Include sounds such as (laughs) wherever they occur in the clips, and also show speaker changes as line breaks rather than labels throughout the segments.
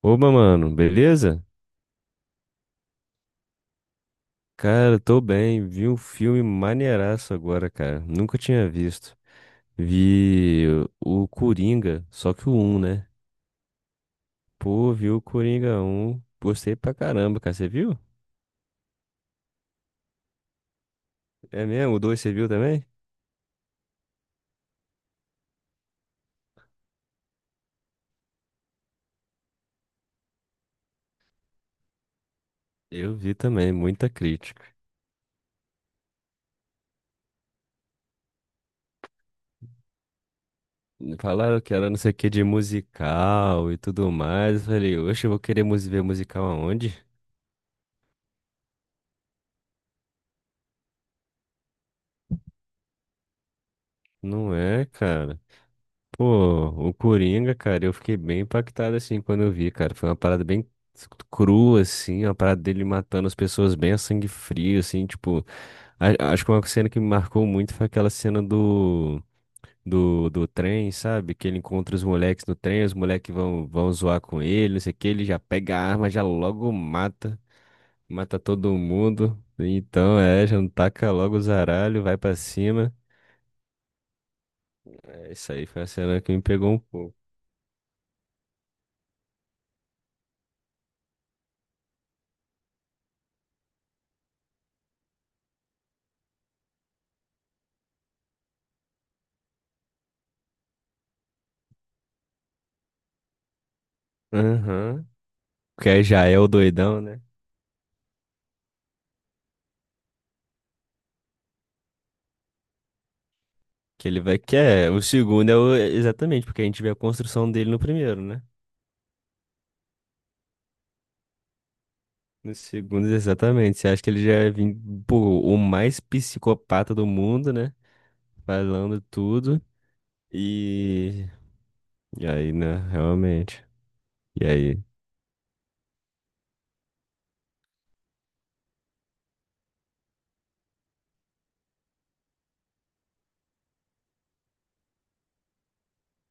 Oba, mano, beleza? Cara, tô bem. Vi um filme maneiraço agora, cara. Nunca tinha visto. Vi o Coringa, só que o um, né? Pô, vi o Coringa um. Gostei pra caramba, cara. Você viu? É mesmo? O 2 você viu também? Eu vi também, muita crítica. Falaram que era não sei o que de musical e tudo mais. Eu falei, oxe, eu vou querer ver musical aonde? Não é, cara. Pô, o Coringa, cara, eu fiquei bem impactado assim quando eu vi, cara. Foi uma parada bem crua, assim, uma parada dele matando as pessoas bem a sangue frio, assim, tipo. Acho que uma cena que me marcou muito foi aquela cena do, do trem, sabe? Que ele encontra os moleques no trem, os moleques vão, vão zoar com ele, não sei o que, ele já pega a arma, já logo mata, mata todo mundo. Então, é, já não taca logo o zaralho, vai pra cima. É, isso aí foi a cena que me pegou um pouco. Aham. Que aí já é o doidão, né? Que ele vai. Que é. O segundo é o. Exatamente, porque a gente vê a construção dele no primeiro, né? No segundo, exatamente. Você acha que ele já é pô, o mais psicopata do mundo, né? Falando tudo. E. E aí, né? Realmente. E aí?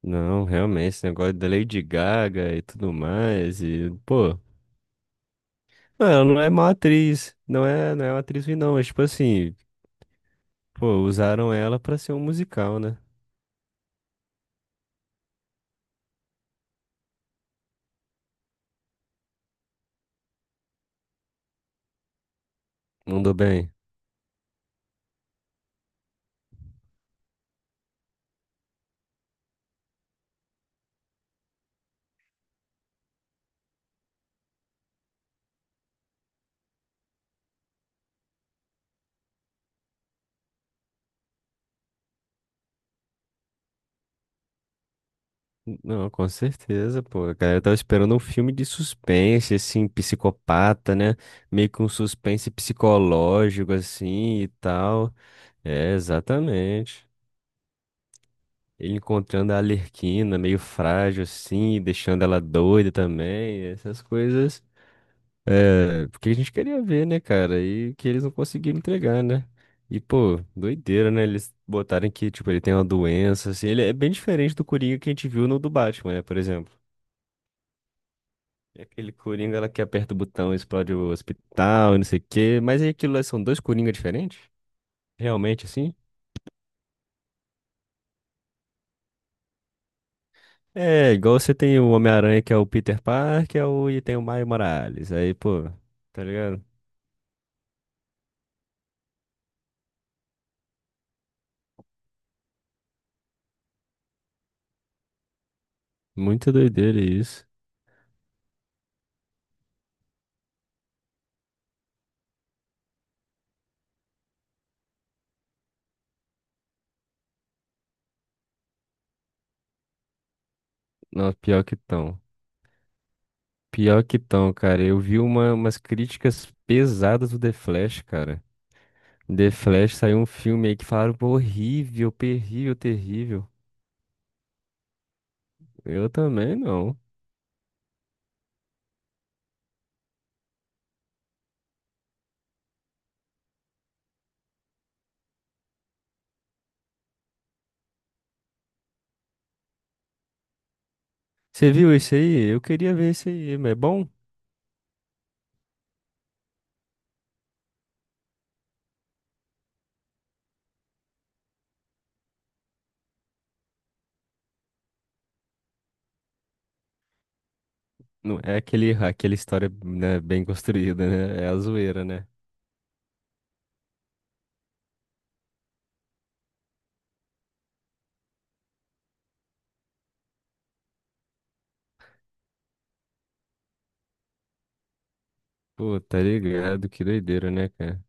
Não, realmente, esse negócio da Lady Gaga e tudo mais. E, pô. Não, ela não é má atriz. Não é, não é uma atriz ruim, não. Mas, tipo assim, pô, usaram ela pra ser um musical, né? Mandou bem. Não, com certeza, pô. A galera tava esperando um filme de suspense, assim, psicopata, né? Meio que um suspense psicológico, assim, e tal. É, exatamente. Ele encontrando a Arlequina, meio frágil, assim, deixando ela doida também. Essas coisas. É, porque a gente queria ver, né, cara? E que eles não conseguiram entregar, né? E, pô, doideira, né? Eles botarem que, tipo, ele tem uma doença, assim. Ele é bem diferente do Coringa que a gente viu no do Batman, né, por exemplo. E aquele Coringa lá que aperta o botão e explode o hospital, e não sei o quê. Mas aí aquilo lá são dois Coringa diferentes? Realmente, assim? É, igual você tem o Homem-Aranha, que é o Peter Parker, é o... e tem o Maio Morales. Aí, pô, tá ligado? Muito doideira isso. Não, pior que tão. Pior que tão, cara. Eu vi uma, umas críticas pesadas do The Flash, cara. The Flash saiu um filme aí que falaram, pô, horrível, terrível, terrível. Eu também não. Você viu isso aí? Eu queria ver isso aí, mas é bom? Não é aquele, aquela história, né, bem construída, né? É a zoeira, né? Pô, tá ligado? Que doideira, né, cara?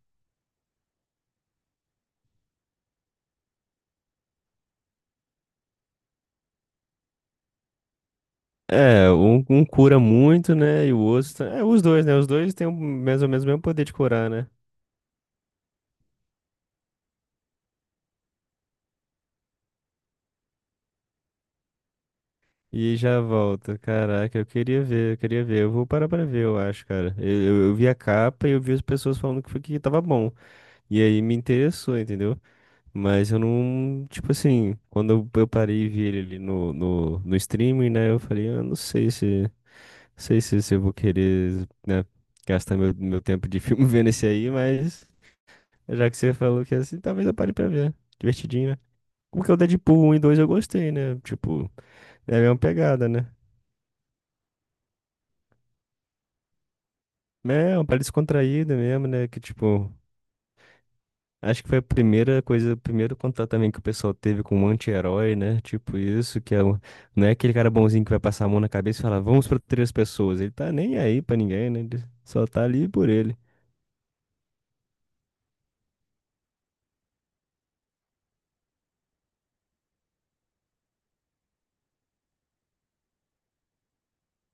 É, um cura muito, né? E o outro. É, os dois, né? Os dois têm o mais ou menos o mesmo poder de curar, né? E já volta. Caraca, eu queria ver, eu queria ver. Eu vou parar pra ver, eu acho, cara. Eu vi a capa e eu vi as pessoas falando que, foi, que tava bom. E aí me interessou, entendeu? Mas eu não. Tipo assim, quando eu parei e vi ele ali no, no streaming, né? Eu falei, eu não sei se. Sei se, se eu vou querer, né, gastar meu, meu tempo de filme (laughs) vendo esse aí, mas já que você falou que é assim, talvez eu pare pra ver. Divertidinho, né? Porque o Deadpool um e 2 eu gostei, né? Tipo, é a mesma pegada, né? É uma parada descontraída mesmo, né? Que tipo, acho que foi a primeira coisa, o primeiro contato também que o pessoal teve com um anti-herói, né? Tipo isso, que é, não é aquele cara bonzinho que vai passar a mão na cabeça e falar, vamos proteger as pessoas. Ele tá nem aí pra ninguém, né? Ele só tá ali por ele.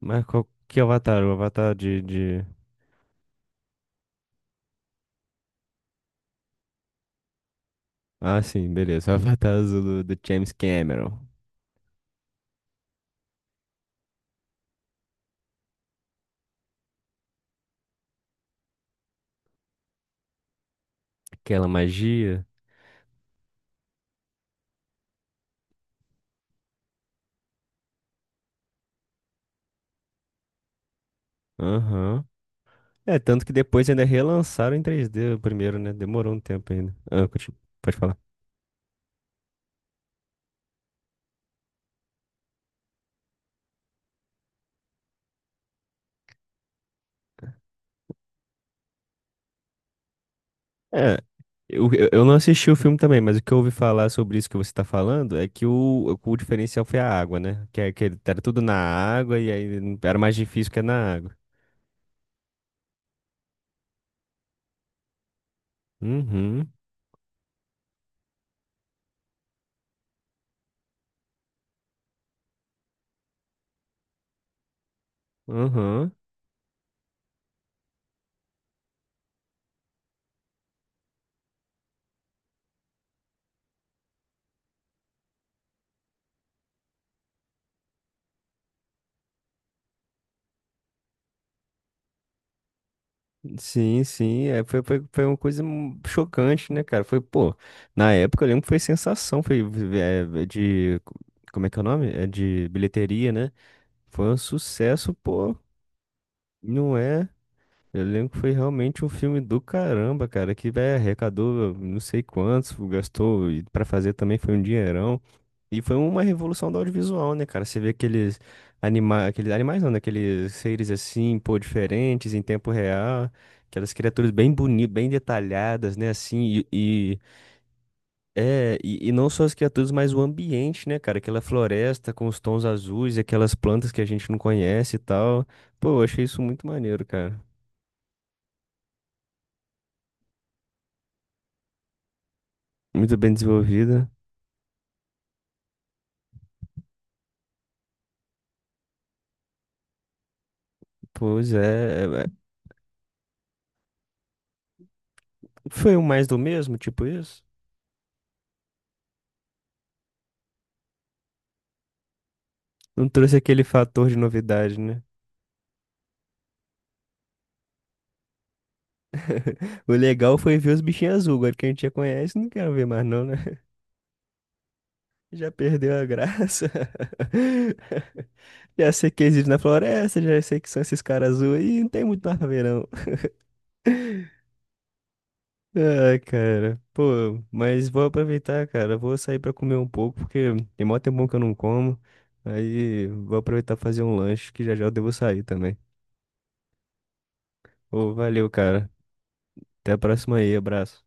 Mas qual que é o Avatar? O Avatar de Ah, sim, beleza. (laughs) O Avatar Azul do, do James Cameron. Aquela magia. Aham. É, tanto que depois ainda relançaram em 3D o primeiro, né? Demorou um tempo ainda. Ah, pode falar. É, eu eu não assisti o filme também, mas o que eu ouvi falar sobre isso que você tá falando é que o diferencial foi a água, né? Que, que era tudo na água e aí era mais difícil que é na água. Uhum, uhum. Sim, sim, é, foi, foi, foi uma coisa chocante, né, cara? Foi, pô, na época eu lembro que foi sensação, foi é, é de, como é que é o nome? É de bilheteria, né? Foi um sucesso, pô, não é? Eu lembro que foi realmente um filme do caramba, cara, que, velho, arrecadou não sei quantos, gastou, e pra fazer também foi um dinheirão. E foi uma revolução do audiovisual, né, cara? Você vê aqueles aqueles animais não, né? Aqueles seres assim, pô, diferentes em tempo real, aquelas criaturas bem bonitas, bem detalhadas, né, assim, é, e não só as criaturas, mas o ambiente, né, cara? Aquela floresta com os tons azuis e aquelas plantas que a gente não conhece e tal. Pô, eu achei isso muito maneiro, cara. Muito bem desenvolvida. Pois é, é, é. Foi o mais do mesmo, tipo isso? Não trouxe aquele fator de novidade, né? (laughs) O legal foi ver os bichinhos azul. Agora que a gente já conhece, não quero ver mais não, né? (laughs) Já perdeu a graça. (laughs) Já sei que existe na floresta, já sei que são esses caras azuis. Aí, não tem muito mais pra ver não. Ai, cara. Pô, mas vou aproveitar, cara. Vou sair pra comer um pouco, porque tem mó tempo que eu não como. Aí vou aproveitar pra fazer um lanche, que já já eu devo sair também. Ô, valeu, cara. Até a próxima aí, abraço.